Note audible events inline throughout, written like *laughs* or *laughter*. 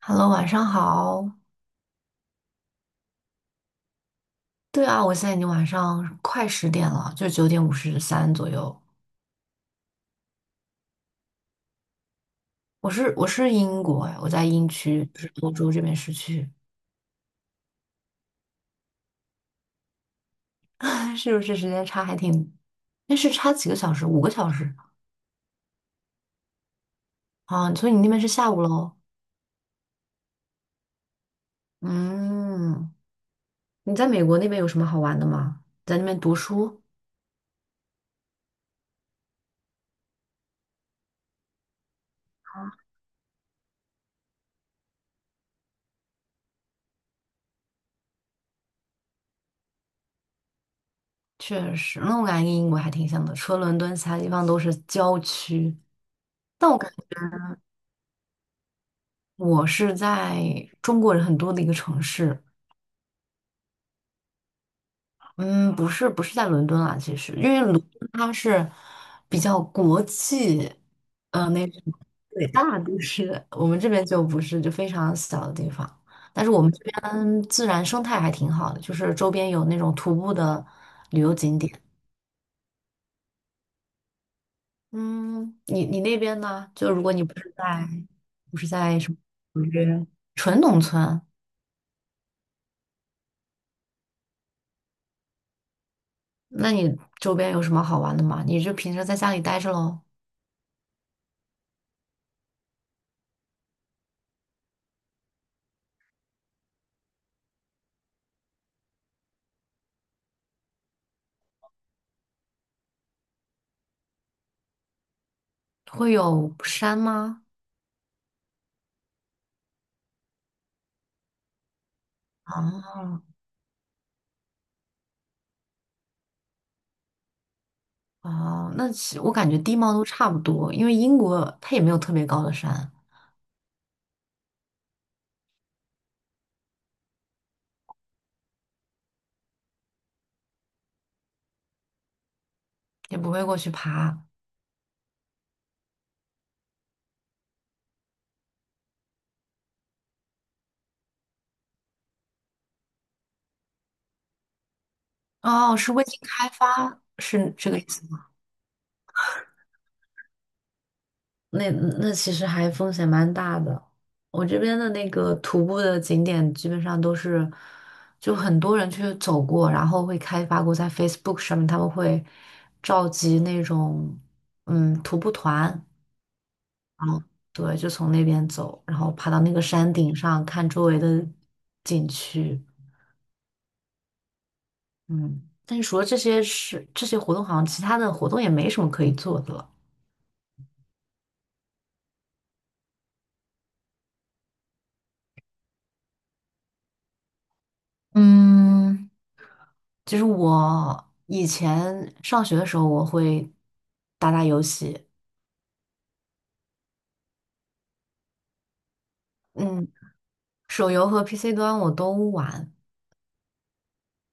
Hello，晚上好。对啊，我现在已经晚上快10点了，就9:53左右。我是英国哎，我在英区，就是欧洲这边市区，*laughs* 是不是时间差还挺？那是差几个小时？5个小时啊？所以你那边是下午喽？嗯，你在美国那边有什么好玩的吗？在那边读书？确实，那我感觉跟英国还挺像的，除了伦敦，其他地方都是郊区。但我感觉我是在中国人很多的一个城市。嗯，不是在伦敦啊，其实因为伦敦它是比较国际，那种对大都市，我们这边就不是，就非常小的地方。但是我们这边自然生态还挺好的，就是周边有那种徒步的旅游景点。嗯，你那边呢？就如果你不是在什么纽约纯农村，那你周边有什么好玩的吗？你就平时在家里待着喽？会有山吗？啊。哦，那其我感觉地貌都差不多，因为英国它也没有特别高的山，也不会过去爬。哦，是未经开发，是这个意思吗？那其实还风险蛮大的。我这边的那个徒步的景点基本上都是，就很多人去走过，然后会开发过，在 Facebook 上面他们会召集那种徒步团，然后对，就从那边走，然后爬到那个山顶上看周围的景区。嗯，但是除了这些事，这些活动，好像其他的活动也没什么可以做的了。嗯就是我以前上学的时候，我会打打游戏，嗯，手游和 PC 端我都玩。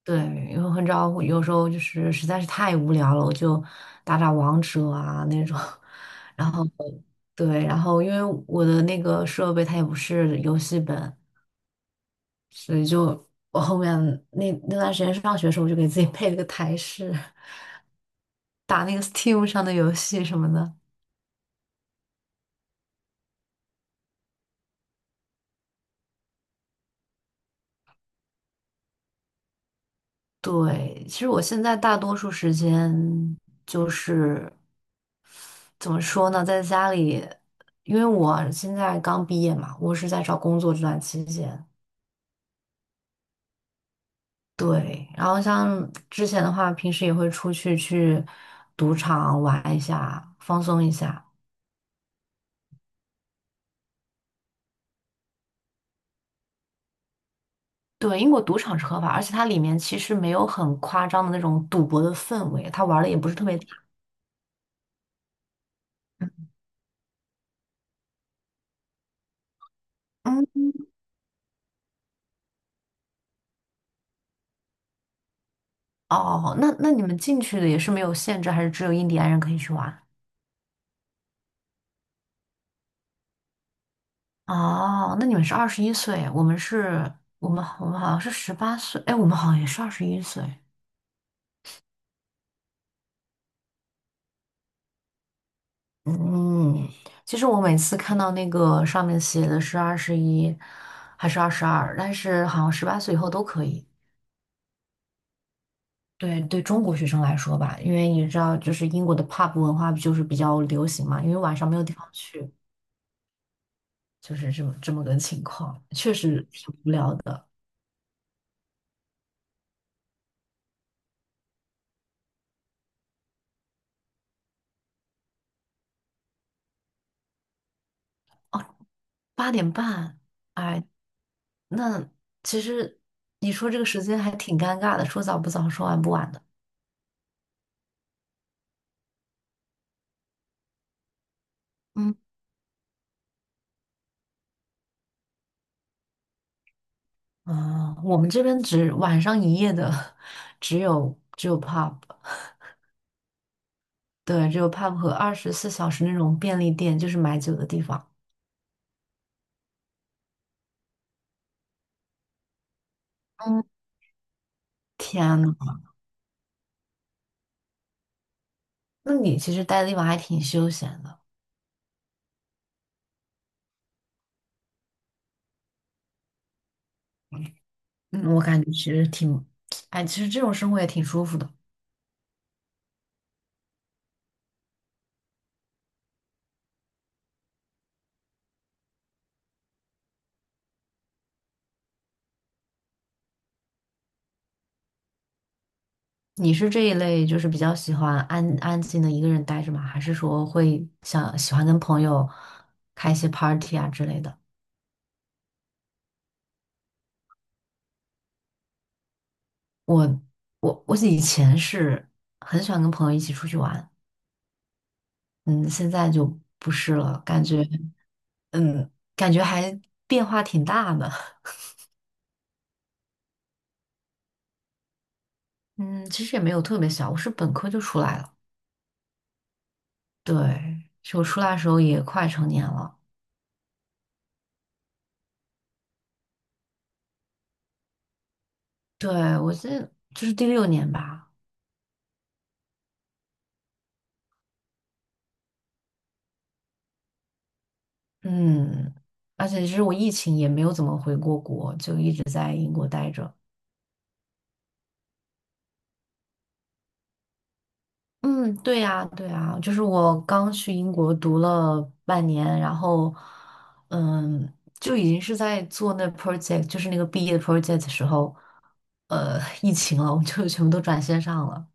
对，因为很少，有时候就是实在是太无聊了，我就打打王者啊那种。*laughs* 然后，对，然后因为我的那个设备它也不是游戏本，所以就我后面那段时间上学的时候，我就给自己配了个台式，打那个 Steam 上的游戏什么的。对，其实我现在大多数时间就是怎么说呢，在家里，因为我现在刚毕业嘛，我是在找工作这段期间。对，然后像之前的话，平时也会出去去赌场玩一下，放松一下。对，英国赌场是合法，而且它里面其实没有很夸张的那种赌博的氛围，它玩的也不是特别大。嗯，哦，那你们进去的也是没有限制，还是只有印第安人可以去玩？哦，那你们是二十一岁，我们是，我们好像是十八岁，哎，我们好像也是二十一岁。嗯，其实我每次看到那个上面写的是二十一还是22，但是好像十八岁以后都可以。对对中国学生来说吧，因为你知道，就是英国的 pub 文化就是比较流行嘛，因为晚上没有地方去，就是这么个情况，确实挺无聊的。哦，8:30，哎，那其实你说这个时间还挺尴尬的，说早不早，说晚不晚的。嗯，啊，我们这边只晚上营业的 *laughs* 只有 pub，对，只有 pub 和24小时那种便利店，就是买酒的地方。嗯，天呐。那你其实待的地方还挺休闲的，嗯，我感觉其实挺，*tsk* 哎，其实这种生活也挺舒服的。你是这一类就是比较喜欢安安静的一个人待着吗？还是说会想喜欢跟朋友开一些 party 啊之类的？我我以前是很喜欢跟朋友一起出去玩，嗯，现在就不是了，感觉嗯，感觉还变化挺大的，*laughs* 嗯，其实也没有特别小，我是本科就出来了，对，就我出来的时候也快成年了。对，我是就是第六年吧，嗯，而且其实我疫情也没有怎么回过国，就一直在英国待着。嗯，对呀，对呀，就是我刚去英国读了半年，然后，嗯，就已经是在做那 project，就是那个毕业 project 的时候，疫情了，我就全部都转线上了。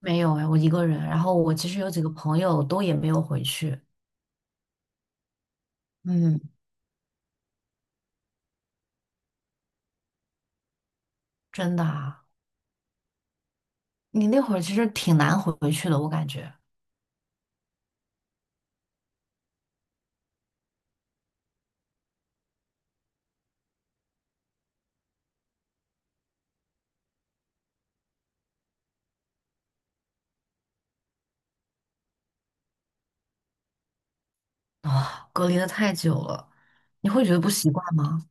没有哎，我一个人，然后我其实有几个朋友都也没有回去。嗯，真的啊，你那会儿其实挺难回去的，我感觉。啊，隔离的太久了，你会觉得不习惯吗？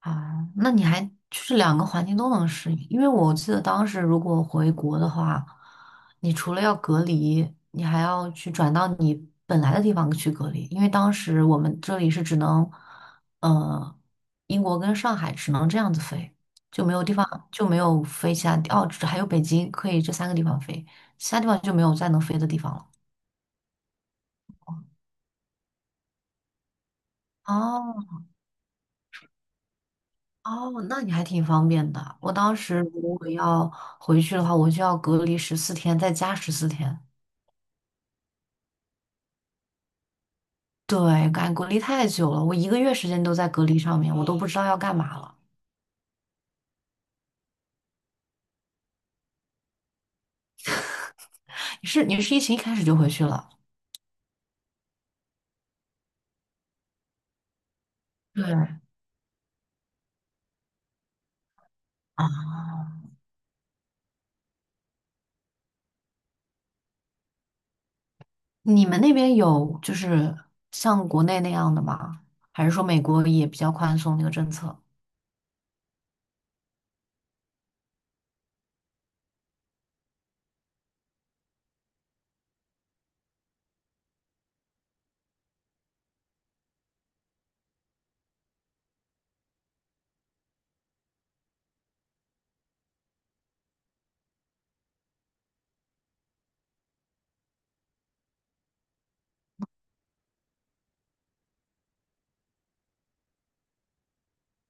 啊，那你还就是两个环境都能适应，因为我记得当时如果回国的话，你除了要隔离，你还要去转到你本来的地方去隔离，因为当时我们这里是只能，呃，英国跟上海只能这样子飞，就没有地方就没有飞其他地，哦，只还有北京可以这三个地方飞，其他地方就没有再能飞的地方了。哦，哦，那你还挺方便的。我当时如果要回去的话，我就要隔离十四天，再加十四天。对，感觉隔离太久了，我1个月时间都在隔离上面，我都不知道要干嘛了。你是疫情一开始就回去了？对啊，你们那边有就是像国内那样的吗？还是说美国也比较宽松那个政策？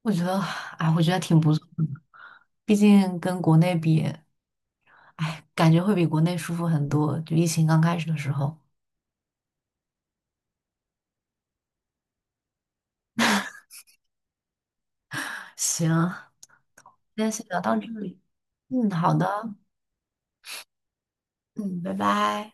我觉得，哎，我觉得挺不错的，毕竟跟国内比，哎，感觉会比国内舒服很多。就疫情刚开始的时候。行，今天先聊到这里。嗯，好的，嗯，拜拜。